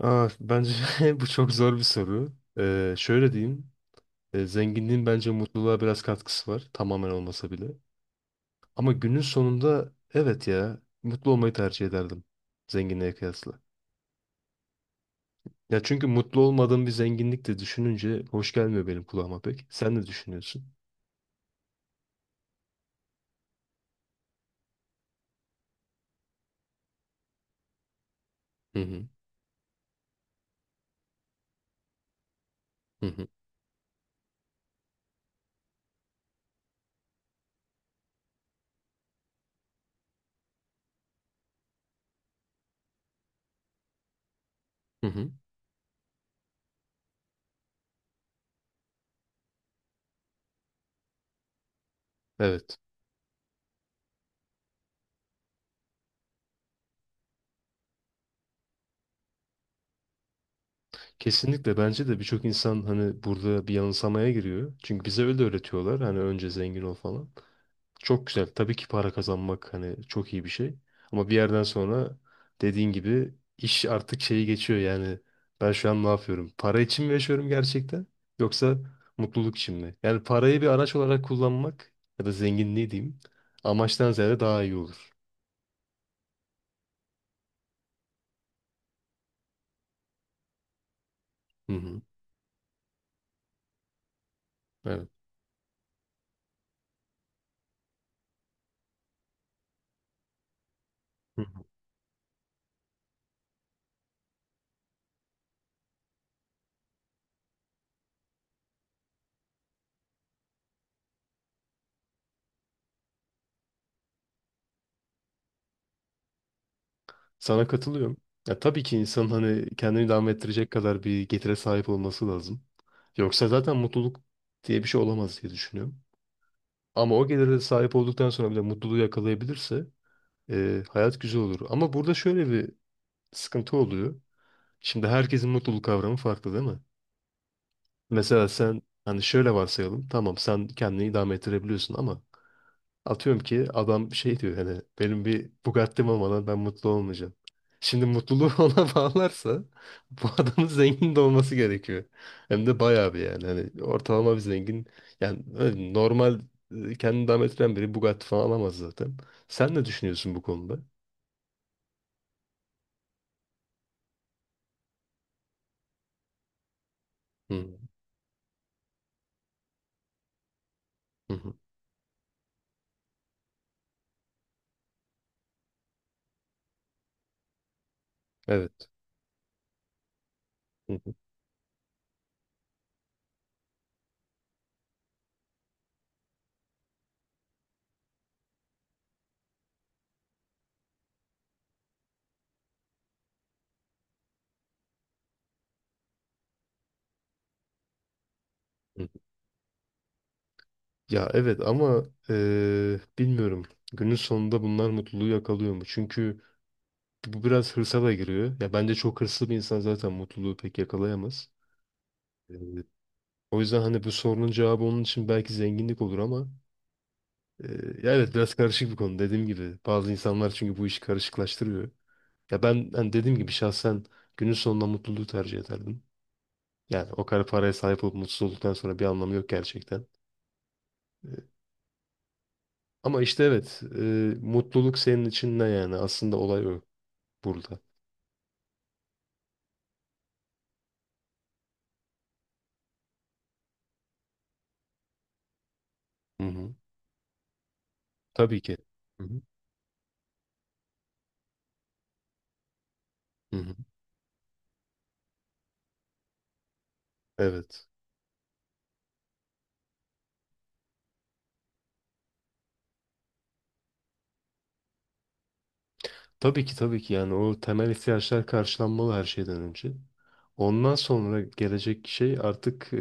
Bence bu çok zor bir soru. Şöyle diyeyim. Zenginliğin bence mutluluğa biraz katkısı var. Tamamen olmasa bile. Ama günün sonunda evet ya mutlu olmayı tercih ederdim. Zenginliğe kıyasla. Ya çünkü mutlu olmadığım bir zenginlik de düşününce hoş gelmiyor benim kulağıma pek. Sen ne düşünüyorsun? Hı hı. Hı hı. Hı hı. Evet. Kesinlikle bence de birçok insan hani burada bir yanılsamaya giriyor. Çünkü bize öyle öğretiyorlar. Hani önce zengin ol falan. Çok güzel. Tabii ki para kazanmak hani çok iyi bir şey. Ama bir yerden sonra dediğin gibi iş artık şeyi geçiyor yani. Ben şu an ne yapıyorum? Para için mi yaşıyorum gerçekten? Yoksa mutluluk için mi? Yani parayı bir araç olarak kullanmak ya da zenginliği diyeyim amaçtan ziyade daha iyi olur. Hı hı. Evet. Hı hı. Sana katılıyorum. Ya tabii ki insanın hani kendini devam ettirecek kadar bir getire sahip olması lazım. Yoksa zaten mutluluk diye bir şey olamaz diye düşünüyorum. Ama o gelire sahip olduktan sonra bile mutluluğu yakalayabilirse hayat güzel olur. Ama burada şöyle bir sıkıntı oluyor. Şimdi herkesin mutluluk kavramı farklı değil mi? Mesela sen hani şöyle varsayalım. Tamam sen kendini idame ettirebiliyorsun ama atıyorum ki adam şey diyor hani benim bir Bugatti'm olmadan ben mutlu olmayacağım. Şimdi mutluluğu ona bağlarsa bu adamın zengin de olması gerekiyor. Hem de bayağı bir yani. Hani ortalama bir zengin yani öyle normal kendini devam ettiren biri Bugatti falan alamaz zaten. Sen ne düşünüyorsun bu konuda? Hı hı. Hı. Evet. Hı hı, hı. Ya evet ama bilmiyorum. Günün sonunda bunlar mutluluğu yakalıyor mu? Çünkü bu biraz hırsa da giriyor. Ya bence çok hırslı bir insan zaten mutluluğu pek yakalayamaz. Ee, O yüzden hani bu sorunun cevabı onun için belki zenginlik olur ama e, ya evet biraz karışık bir konu dediğim gibi. Bazı insanlar çünkü bu işi karışıklaştırıyor. Ya ben hani dediğim gibi şahsen günün sonunda mutluluğu tercih ederdim. Yani o kadar paraya sahip olup mutsuz olduktan sonra bir anlamı yok gerçekten. E, ama işte evet mutluluk senin için ne yani? Aslında olay o burada. Hı hı. Tabii ki. Hı hı. Hı hı. Evet. Tabii ki tabii ki yani o temel ihtiyaçlar karşılanmalı her şeyden önce. Ondan sonra gelecek şey artık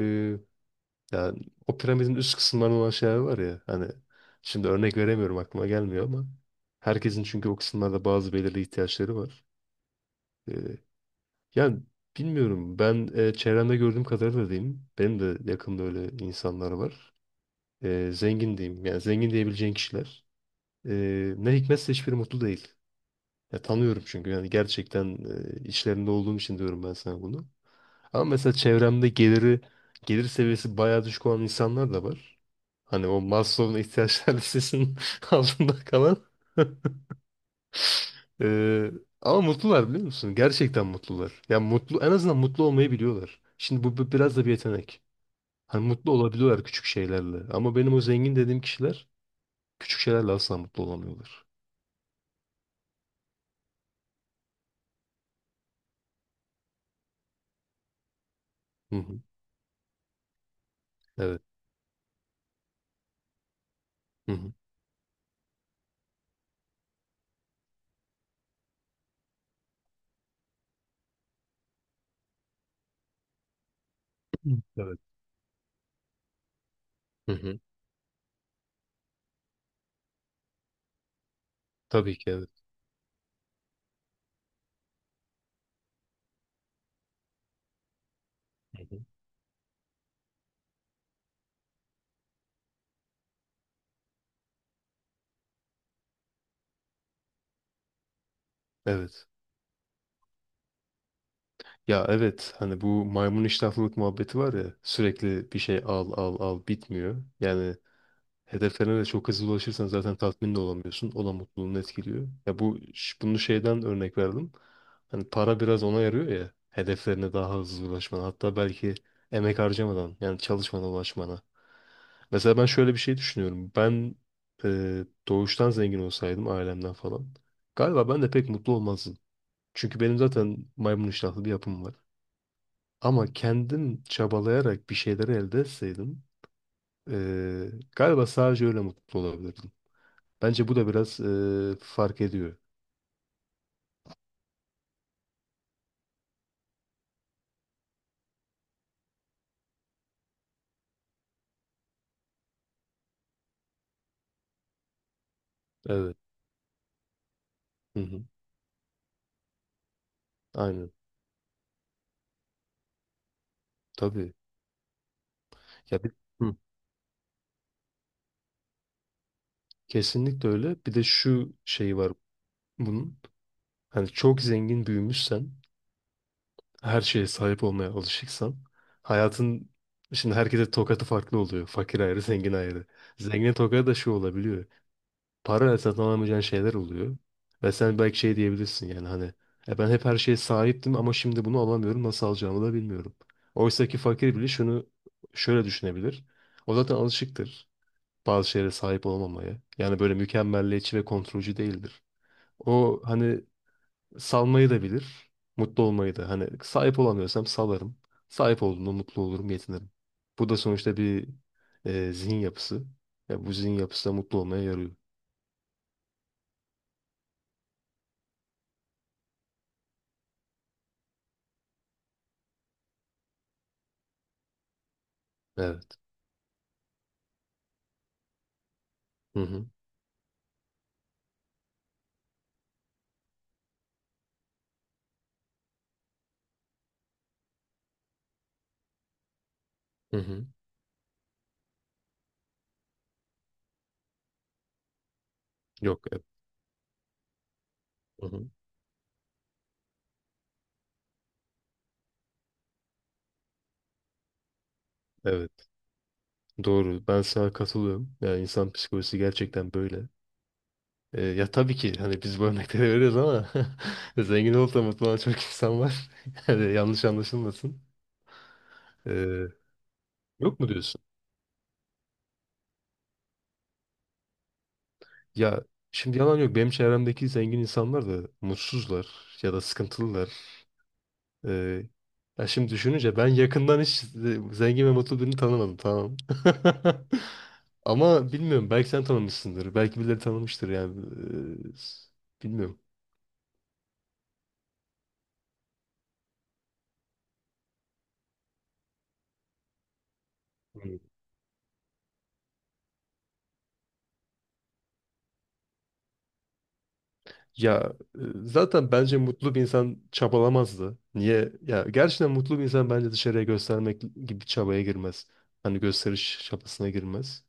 yani o piramidin üst kısımlarında olan şeyler var ya hani şimdi örnek veremiyorum aklıma gelmiyor ama herkesin çünkü o kısımlarda bazı belirli ihtiyaçları var. E, yani bilmiyorum ben çevremde gördüğüm kadarıyla diyeyim benim de yakında öyle insanlar var. Zengin diyeyim yani zengin diyebileceğin kişiler ne hikmetse hiçbiri mutlu değil. Ya tanıyorum çünkü yani gerçekten içlerinde olduğum için diyorum ben sana bunu. Ama mesela çevremde gelir seviyesi bayağı düşük olan insanlar da var. Hani o Maslow'un ihtiyaçlar listesinin altında kalan. E, ama mutlular biliyor musun? Gerçekten mutlular. Ya mutlu en azından mutlu olmayı biliyorlar. Şimdi bu biraz da bir yetenek. Hani mutlu olabiliyorlar küçük şeylerle. Ama benim o zengin dediğim kişiler küçük şeylerle asla mutlu olamıyorlar. Hı hı. Evet. Hı hı. Hı. Evet. Hı hı. Tabii ki evet. Hı hı. Evet. Ya evet hani bu maymun iştahlılık muhabbeti var ya sürekli bir şey al al al bitmiyor. Yani hedeflerine de çok hızlı ulaşırsan zaten tatmin de olamıyorsun. O da mutluluğunu etkiliyor. Ya bu bunu şeyden örnek verdim. Hani para biraz ona yarıyor ya hedeflerine daha hızlı ulaşmana hatta belki emek harcamadan yani çalışmana ulaşmana. Mesela ben şöyle bir şey düşünüyorum. Ben doğuştan zengin olsaydım ailemden falan galiba ben de pek mutlu olmazdım. Çünkü benim zaten maymun iştahlı bir yapım var. Ama kendin çabalayarak bir şeyleri elde etseydin eee, galiba sadece öyle mutlu olabilirdin. Bence bu da biraz fark ediyor. Evet. Hı hı. Aynen. Tabii. Ya bir, hı, kesinlikle öyle. Bir de şu şey var bunun. Hani çok zengin büyümüşsen, her şeye sahip olmaya alışıksan, hayatın şimdi herkese tokatı farklı oluyor. Fakir ayrı, zengin ayrı. Zengin tokadı da şu olabiliyor. Para satın alamayacağın şeyler oluyor. Ve sen belki şey diyebilirsin yani hani ben hep her şeye sahiptim ama şimdi bunu alamıyorum nasıl alacağımı da bilmiyorum. Oysa ki fakir bile şunu şöyle düşünebilir. O zaten alışıktır bazı şeylere sahip olmamaya. Yani böyle mükemmelliyetçi ve kontrolcü değildir. O hani salmayı da bilir, mutlu olmayı da. Hani sahip olamıyorsam salarım. Sahip olduğumda mutlu olurum, yetinirim. Bu da sonuçta bir zihin yapısı. Ya bu zihin yapısı da mutlu olmaya yarıyor. Evet. Hı hı. Hı hı. Yok. Hı hı. Evet. Doğru. Ben sana katılıyorum. Yani insan psikolojisi gerçekten böyle. Ya tabii ki hani biz bu örnekleri veriyoruz ama zengin olup da mutlu olan çok insan var. Yani yanlış anlaşılmasın. E, yok mu diyorsun? Ya şimdi yalan yok. Benim çevremdeki zengin insanlar da mutsuzlar ya da sıkıntılılar. Ee, ya şimdi düşününce ben yakından hiç zengin ve mutlu birini tanımadım tamam. Ama bilmiyorum belki sen tanımışsındır. Belki birileri tanımıştır yani. Bilmiyorum. Hmm. Ya zaten bence mutlu bir insan çabalamazdı. Niye? Ya gerçekten mutlu bir insan bence dışarıya göstermek gibi bir çabaya girmez. Hani gösteriş çabasına girmez.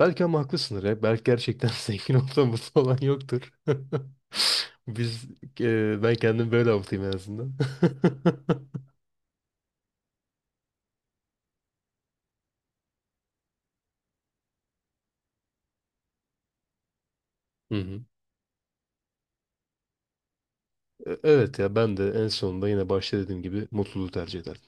Belki ama haklısındır ya. Belki gerçekten zengin olsa mutlu olan yoktur. Biz ben kendim böyle avutayım en azından. Hı hı. Evet ya ben de en sonunda yine başta dediğim gibi mutluluğu tercih ederim.